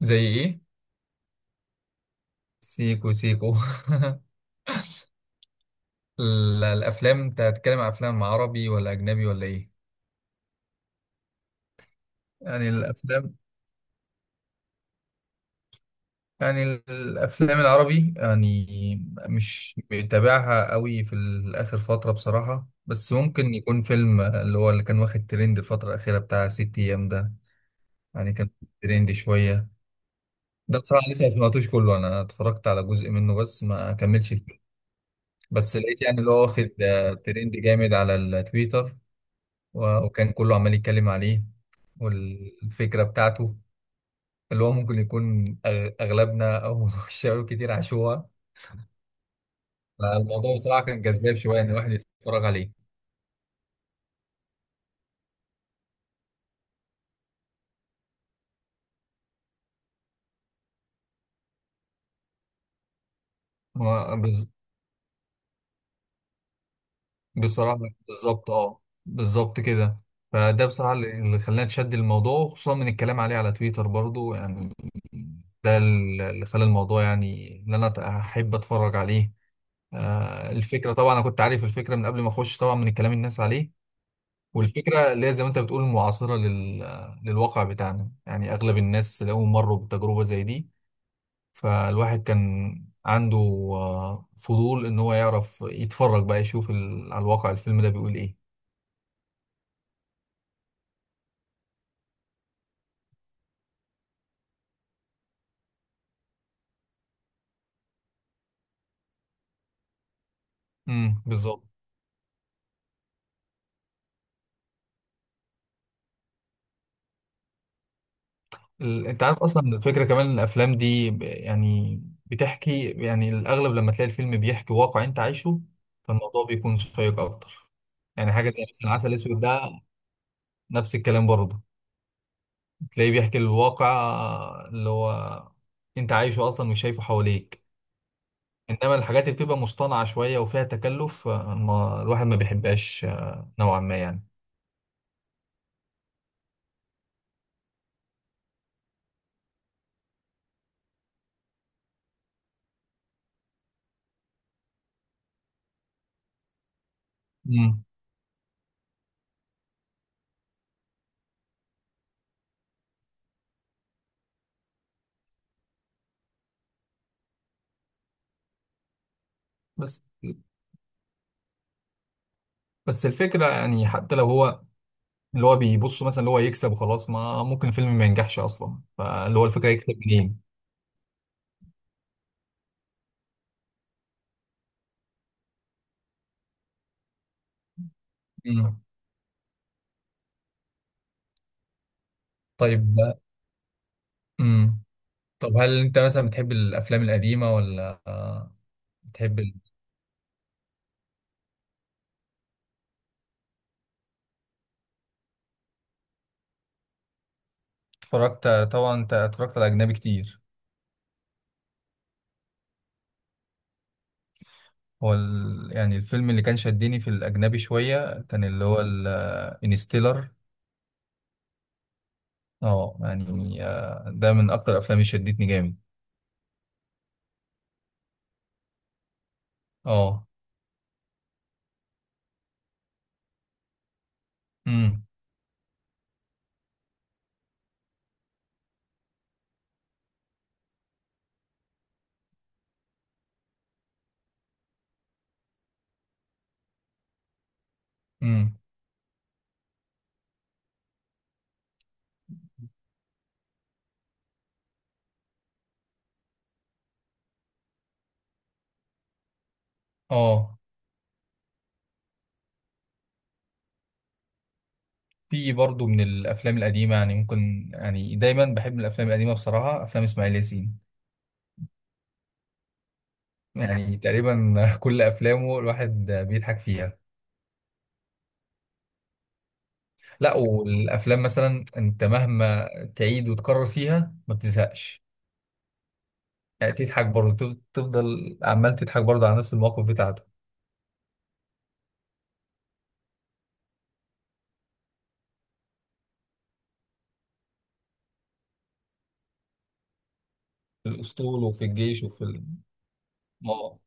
زي ايه؟ سيكو سيكو. الافلام، انت هتتكلم عن افلام عربي ولا اجنبي ولا ايه؟ يعني الافلام، يعني الافلام العربي، يعني مش متابعها قوي في الاخر فتره بصراحه، بس ممكن يكون فيلم اللي هو اللي كان واخد ترند الفتره الاخيره بتاع ست ايام ده. يعني كان ترند شويه. ده بصراحه لسه ما سمعتوش كله، انا اتفرجت على جزء منه بس، ما كملش الفيلم. بس لقيت يعني اللي هو واخد ترند جامد على التويتر، و- وكان كله عمال يتكلم عليه. والفكرة بتاعته اللي هو ممكن يكون أغلبنا أو الشباب كتير عاشوها، فالموضوع بصراحة كان جذاب شوية إن الواحد يتفرج عليه. ما- بز- بصراحة، بالظبط، أه، بالظبط كده. فده بصراحة اللي خلاني أتشد الموضوع، خصوصا من الكلام عليه على تويتر برضو يعني. ده اللي خلى الموضوع يعني إن أنا أحب أتفرج عليه. الفكرة طبعا أنا كنت عارف الفكرة من قبل ما أخش، طبعا من الكلام الناس عليه. والفكرة اللي هي زي ما انت بتقول، معاصرة للواقع بتاعنا، يعني اغلب الناس لقوا مروا بتجربة زي دي. فالواحد كان عنده فضول ان هو يعرف، يتفرج بقى يشوف على الواقع الفيلم ده بيقول ايه. امم، بالظبط. انت عارف اصلا الفكرة، كمان إن الافلام دي يعني بتحكي، يعني الاغلب لما تلاقي الفيلم بيحكي واقع انت عايشه، فالموضوع بيكون شيق اكتر. يعني حاجة زي مثلا عسل اسود ده، نفس الكلام برضه، تلاقيه بيحكي الواقع اللي هو انت عايشه اصلا، مش شايفه حواليك. انما الحاجات اللي بتبقى مصطنعه شويه وفيها تكلف، ما الواحد ما بيحبهاش، نوعا ما يعني. مم. بس بس الفكره، يعني حتى لو هو اللي هو بيبص مثلا اللي هو يكسب وخلاص، ما ممكن الفيلم ما ينجحش اصلا، فاللي هو الفكره يكسب منين؟ مم. طيب. امم. طب هل انت مثلا بتحب الافلام القديمه ولا بتحب ال- اتفرجت طبعا، انت اتفرجت على اجنبي كتير. هو يعني الفيلم اللي كان شدني في الأجنبي شوية كان اللي هو الانستيلر. اه، يعني ده من أكتر الأفلام اللي شدتني جامد. اه. امم. امم. اه، في برضه من الأفلام القديمة، يعني ممكن، يعني دايما بحب من الأفلام القديمة بصراحة أفلام إسماعيل ياسين. يعني تقريبا كل أفلامه الواحد بيضحك فيها. لا، والأفلام مثلا أنت مهما تعيد وتكرر فيها ما بتزهقش. يعني تضحك برضه، تفضل عمال تضحك برضه على نفس المواقف بتاعته. الاسطول وفي الجيش اه.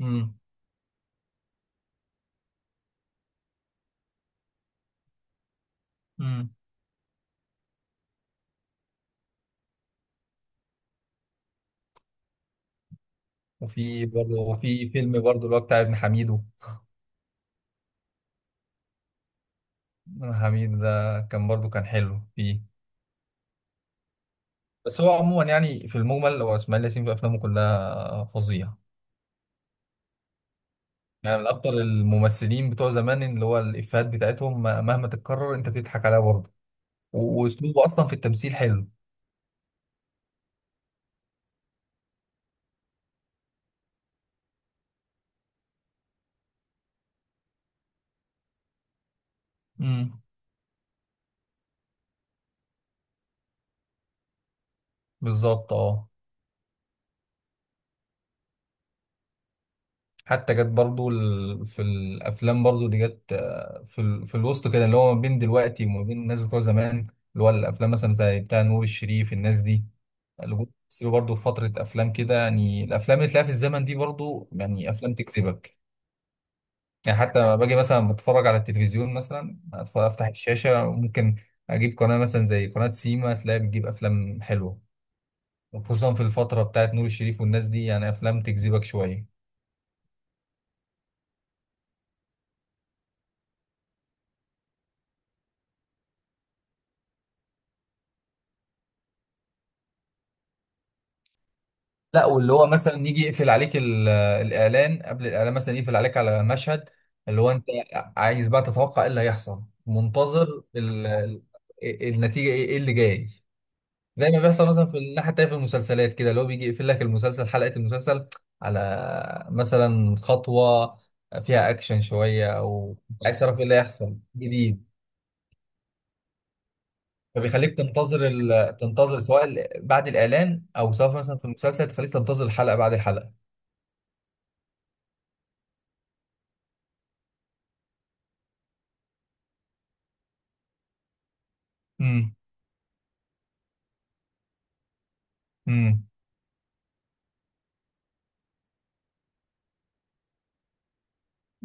امم. امم. وفي فيلم برضه اللي هو بتاع ابن حميدو. ابن حميد ده كان برضه كان حلو فيه. بس هو عموما يعني في المجمل، هو اسماعيل ياسين في افلامه كلها فظيع. يعني من اكتر الممثلين بتوع زمان اللي هو الافيهات بتاعتهم مهما تتكرر انت بتضحك عليها برضه، و- واسلوبه اصلا في التمثيل حلو. امم، بالظبط، اه. حتى جت برضو في الافلام برضو دي، جت في الوسط كده، اللي هو ما بين دلوقتي وما بين الناس بتوع زمان، اللي هو الافلام مثلا زي بتاع نور الشريف الناس دي، اللي جم بيمثلوا برضو في فتره افلام كده. يعني الافلام اللي تلاقيها في الزمن دي برضو، يعني افلام تكسبك. يعني حتى لما باجي مثلا بتفرج على التلفزيون مثلا، افتح الشاشه، ممكن اجيب قناه مثلا زي قناه سيما، تلاقي بتجيب افلام حلوه، وخصوصا في الفتره بتاعت نور الشريف والناس دي، يعني افلام تجذبك شويه. لا، واللي هو مثلا يجي يقفل عليك الاعلان، قبل الاعلان مثلا يقفل عليك على مشهد، اللي هو انت عايز بقى تتوقع ايه اللي هيحصل، منتظر إيه النتيجه، إيه اللي جاي. زي ما بيحصل مثلا في الناحيه التانيه في المسلسلات كده، اللي هو بيجي يقفل لك المسلسل، حلقه المسلسل، على مثلا خطوه فيها اكشن شويه، او عايز تعرف ايه اللي هيحصل جديد، فبيخليك تنتظر تنتظر، سواء بعد الاعلان، او سواء مثلا في المسلسل تخليك تنتظر الحلقه بعد الحلقه. امم.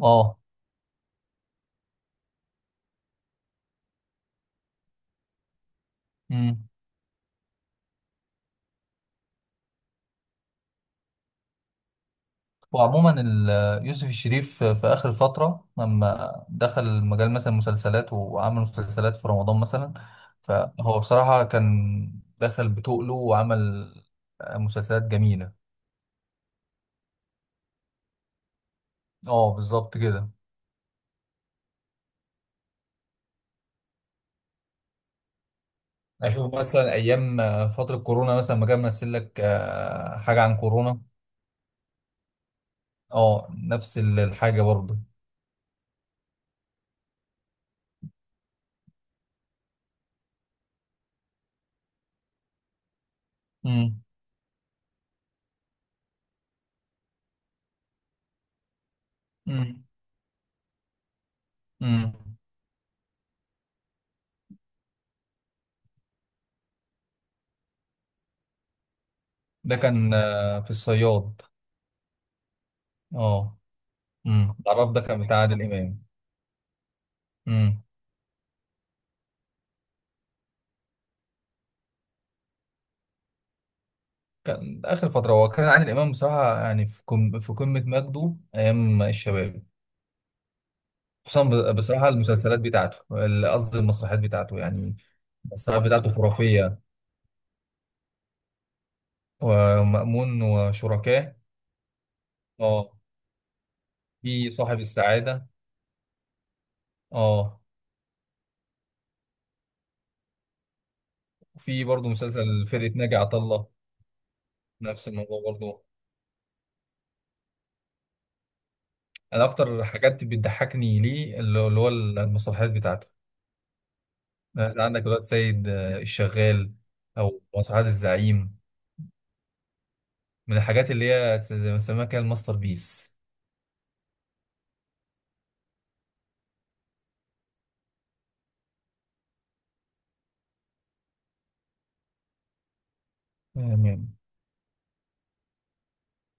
اه. امم. وعموما يوسف الشريف في اخر فتره لما دخل مجال مثلا المسلسلات وعمل مسلسلات في رمضان مثلا، فهو بصراحه كان دخل بتقله وعمل مسلسلات جميله. اه، بالظبط كده. اشوف مثلا ايام فتره كورونا مثلا، ما كان ممثل لك حاجه عن كورونا. اه، نفس الحاجه برضه. امم. امم. امم. ده كان في الصياد. اه. امم. العراف ده كان بتاع عادل امام. امم. كان اخر فتره، هو كان عادل امام بصراحه يعني في كم، في قمه مجده ايام الشباب. خصوصا بصراحه المسلسلات بتاعته، قصدي المسرحيات بتاعته يعني. المسرحيات بتاعته خرافيه. ومأمون وشركاه. اه، في صاحب السعاده. اه. وفي برضه مسلسل فرقه ناجي عطا الله. نفس الموضوع برضه. انا اكتر حاجات بتضحكني ليه، اللي هو المسرحيات بتاعته. يعني عندك الواد سيد الشغال، او مسرحيات الزعيم، من الحاجات اللي هي زي ما بيسموها كده الماستر بيس، يعني.